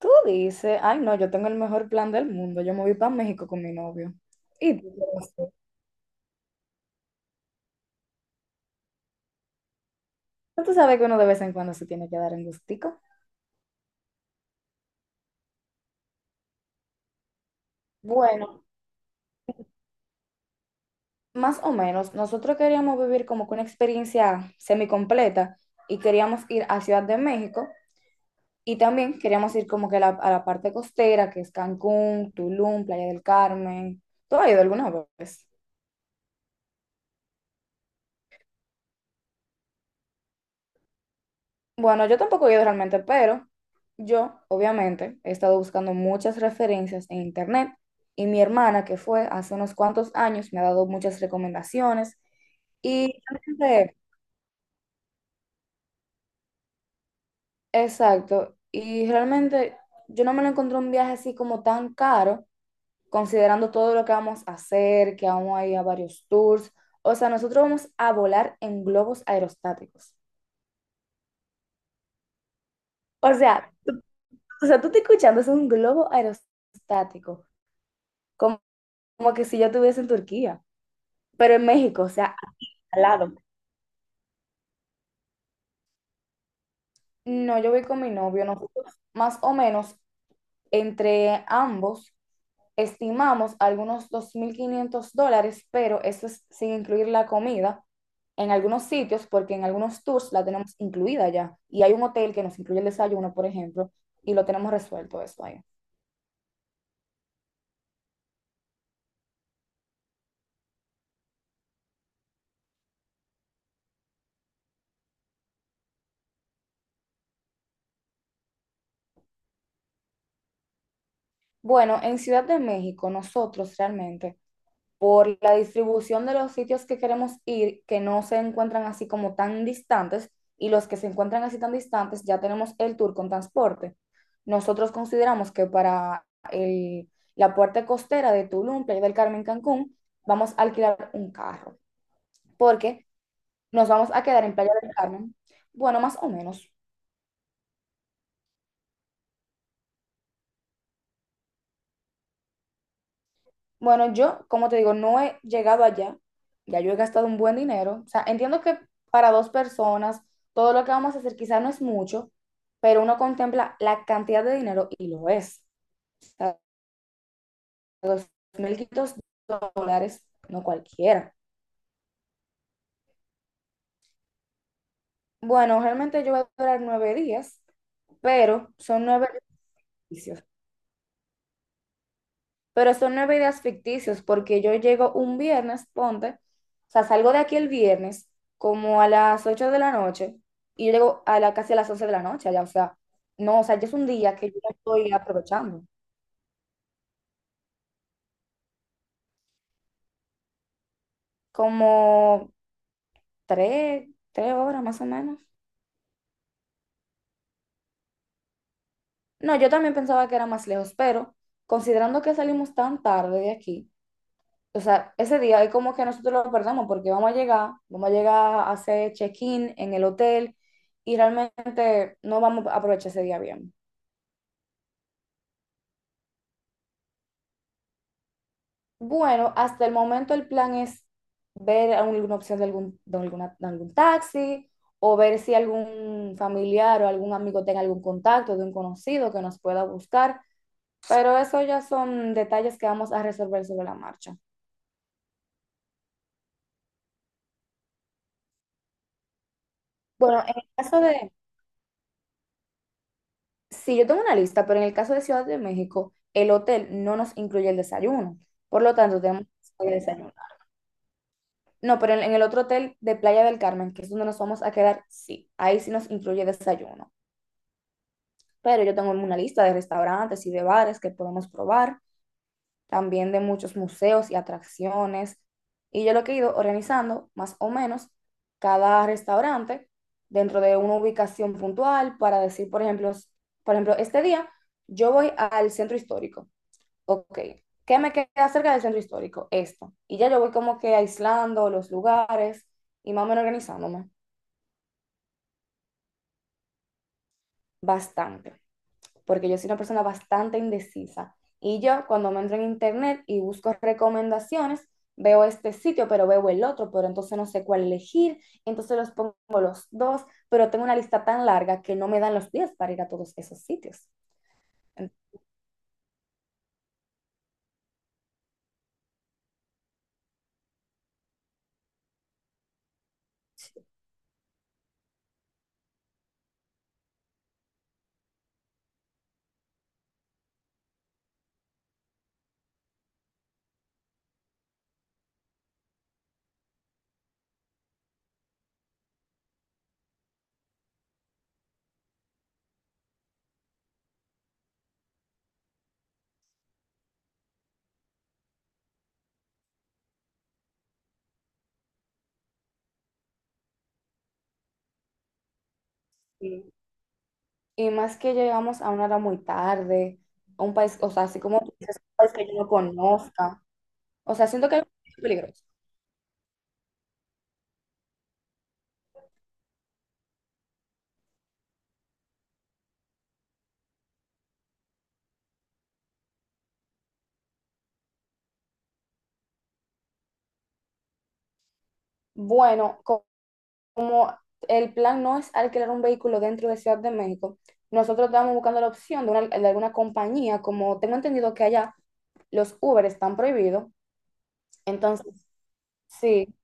Tú dices, ay no, yo tengo el mejor plan del mundo, yo me voy para México con mi novio. Y tú, ¿cómo así? ¿No tú sabes que uno de vez en cuando se tiene que dar en gustico? Bueno, más o menos, nosotros queríamos vivir como que una experiencia semicompleta y queríamos ir a Ciudad de México y también queríamos ir como que a la parte costera, que es Cancún, Tulum, Playa del Carmen. ¿Tú has ido alguna vez? Bueno, yo tampoco he ido realmente, pero yo, obviamente, he estado buscando muchas referencias en internet y mi hermana, que fue hace unos cuantos años, me ha dado muchas recomendaciones y realmente, exacto, y realmente yo no me lo encontré un viaje así como tan caro, considerando todo lo que vamos a hacer, que vamos a ir a varios tours, o sea, nosotros vamos a volar en globos aerostáticos. O sea, tú- o sea, tú te escuchando, es un globo aerostático como que si yo estuviese en Turquía, pero en México, o sea, al lado. No, yo voy con mi novio, nosotros más o menos entre ambos estimamos algunos $2,500, pero eso es sin incluir la comida en algunos sitios, porque en algunos tours la tenemos incluida ya, y hay un hotel que nos incluye el desayuno, por ejemplo, y lo tenemos resuelto eso ahí. Bueno, en Ciudad de México, nosotros realmente por la distribución de los sitios que queremos ir, que no se encuentran así como tan distantes, y los que se encuentran así tan distantes, ya tenemos el tour con transporte. Nosotros consideramos que para el- la parte costera de Tulum, Playa del Carmen, Cancún, vamos a alquilar un carro, porque nos vamos a quedar en Playa del Carmen, bueno, más o menos. Bueno, yo, como te digo, no he llegado allá. Ya yo he gastado un buen dinero. O sea, entiendo que para dos personas, todo lo que vamos a hacer quizás no es mucho, pero uno contempla la cantidad de dinero y lo es. O sea, $2,500, no cualquiera. Bueno, realmente yo voy a durar 9 días, pero son nueve ejercicios. Pero son 9 días ficticios porque yo llego un viernes, ponte, o sea, salgo de aquí el viernes como a las 8 de la noche y yo llego casi a las 11 de la noche allá, o sea, no, o sea, ya es un día que yo no estoy aprovechando, como tres horas más o menos. No, yo también pensaba que era más lejos, pero considerando que salimos tan tarde de aquí, o sea, ese día es como que nosotros lo perdemos porque vamos a llegar a hacer check-in en el hotel y realmente no vamos a aprovechar ese día bien. Bueno, hasta el momento el plan es ver alguna opción de algún taxi o ver si algún familiar o algún amigo tenga algún contacto de un conocido que nos pueda buscar, pero eso ya son detalles que vamos a resolver sobre la marcha. Bueno, en el caso de, sí, yo tengo una lista, pero en el caso de Ciudad de México, el hotel no nos incluye el desayuno. Por lo tanto, tenemos que hacer el desayuno. No, pero en el otro hotel de Playa del Carmen, que es donde nos vamos a quedar, sí, ahí sí nos incluye desayuno. Pero yo tengo una lista de restaurantes y de bares que podemos probar, también de muchos museos y atracciones. Y yo lo que he ido organizando, más o menos, cada restaurante dentro de una ubicación puntual para decir, por ejemplo, por ejemplo, este día yo voy al centro histórico. Ok, ¿qué me queda cerca del centro histórico? Esto. Y ya yo voy como que aislando los lugares y más o menos organizándome bastante, porque yo soy una persona bastante indecisa. Y yo cuando me entro en internet y busco recomendaciones, veo este sitio, pero veo el otro, pero entonces no sé cuál elegir, entonces los pongo los dos, pero tengo una lista tan larga que no me dan los días para ir a todos esos sitios. Y más que llegamos a una hora muy tarde, a un país, o sea, así como tú dices, un país que yo no conozca. O sea, siento que es peligroso. Bueno, como el plan no es alquilar un vehículo dentro de Ciudad de México, nosotros estábamos buscando la opción de alguna compañía, como tengo entendido que allá los Uber están prohibidos. Entonces, sí,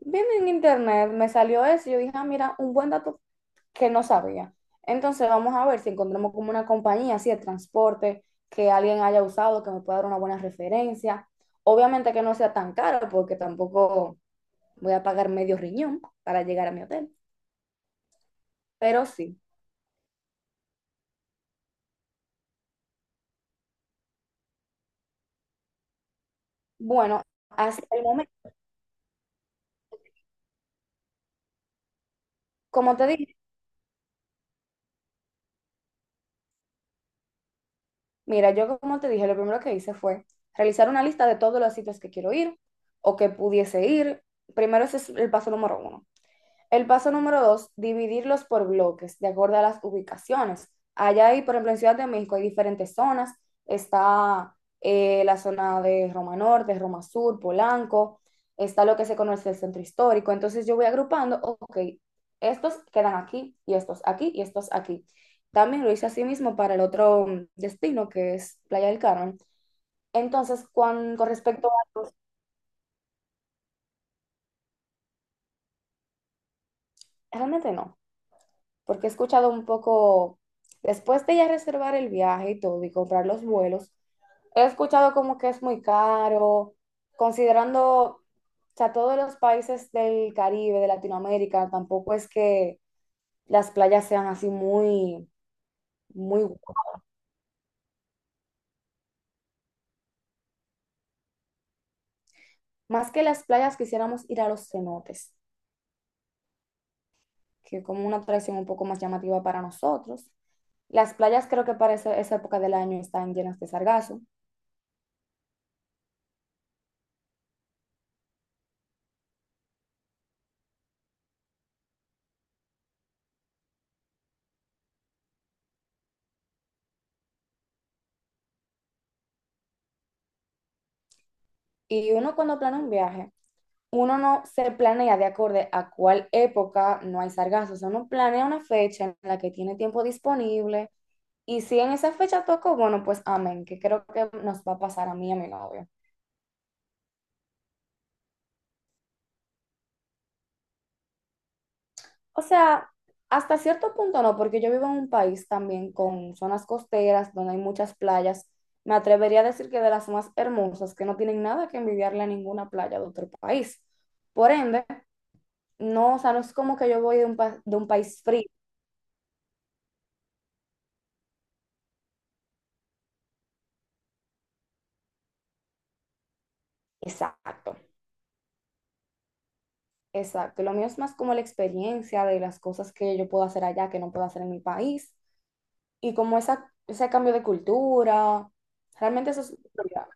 viendo en internet me salió eso, y yo dije, ah, mira, un buen dato que no sabía. Entonces vamos a ver si encontramos como una compañía así de transporte que alguien haya usado, que me pueda dar una buena referencia. Obviamente que no sea tan caro porque tampoco voy a pagar medio riñón para llegar a mi hotel, pero sí. Bueno, hasta el momento, como te dije, mira, yo como te dije, lo primero que hice fue realizar una lista de todos los sitios que quiero ir o que pudiese ir. Primero ese es el paso número uno. El paso número dos, dividirlos por bloques, de acuerdo a las ubicaciones. Allá hay, por ejemplo, en Ciudad de México hay diferentes zonas. Está la zona de Roma Norte, Roma Sur, Polanco. Está lo que se conoce el centro histórico. Entonces yo voy agrupando, ok, estos quedan aquí y estos aquí y estos aquí. También lo hice así mismo para el otro destino que es Playa del Carmen. Entonces, con respecto a... Realmente no, porque he escuchado un poco, después de ya reservar el viaje y todo y comprar los vuelos, he escuchado como que es muy caro, considerando, o sea, todos los países del Caribe, de Latinoamérica, tampoco es que las playas sean así muy, muy, gu- más que las playas quisiéramos ir a los cenotes, que es como una atracción un poco más llamativa para nosotros. Las playas creo que para esa época del año están llenas de sargazo. Y uno cuando planea un viaje, uno no se planea de acorde a cuál época no hay sargazos. O sea, uno planea una fecha en la que tiene tiempo disponible. Y si en esa fecha toco, bueno, pues amén, que creo que nos va a pasar a mí y a mi novio. O sea, hasta cierto punto no, porque yo vivo en un país también con zonas costeras donde hay muchas playas. Me atrevería a decir que de las más hermosas, que no tienen nada que envidiarle a ninguna playa de otro país. Por ende, no, o sea, no es como que yo voy de un, de un país frío. Exacto. Exacto, lo mío es más como la experiencia de las cosas que yo puedo hacer allá que no puedo hacer en mi país y como esa, ese cambio de cultura, realmente eso es mi prioridad.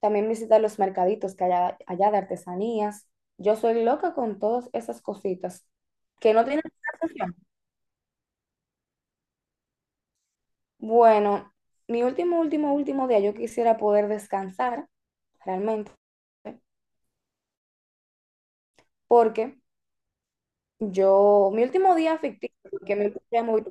También visitar los mercaditos que hay allá de artesanías. Yo soy loca con todas esas cositas que no tienen relación. Bueno, mi último, último, último día yo quisiera poder descansar realmente porque yo, mi último día ficticio, que me gustaría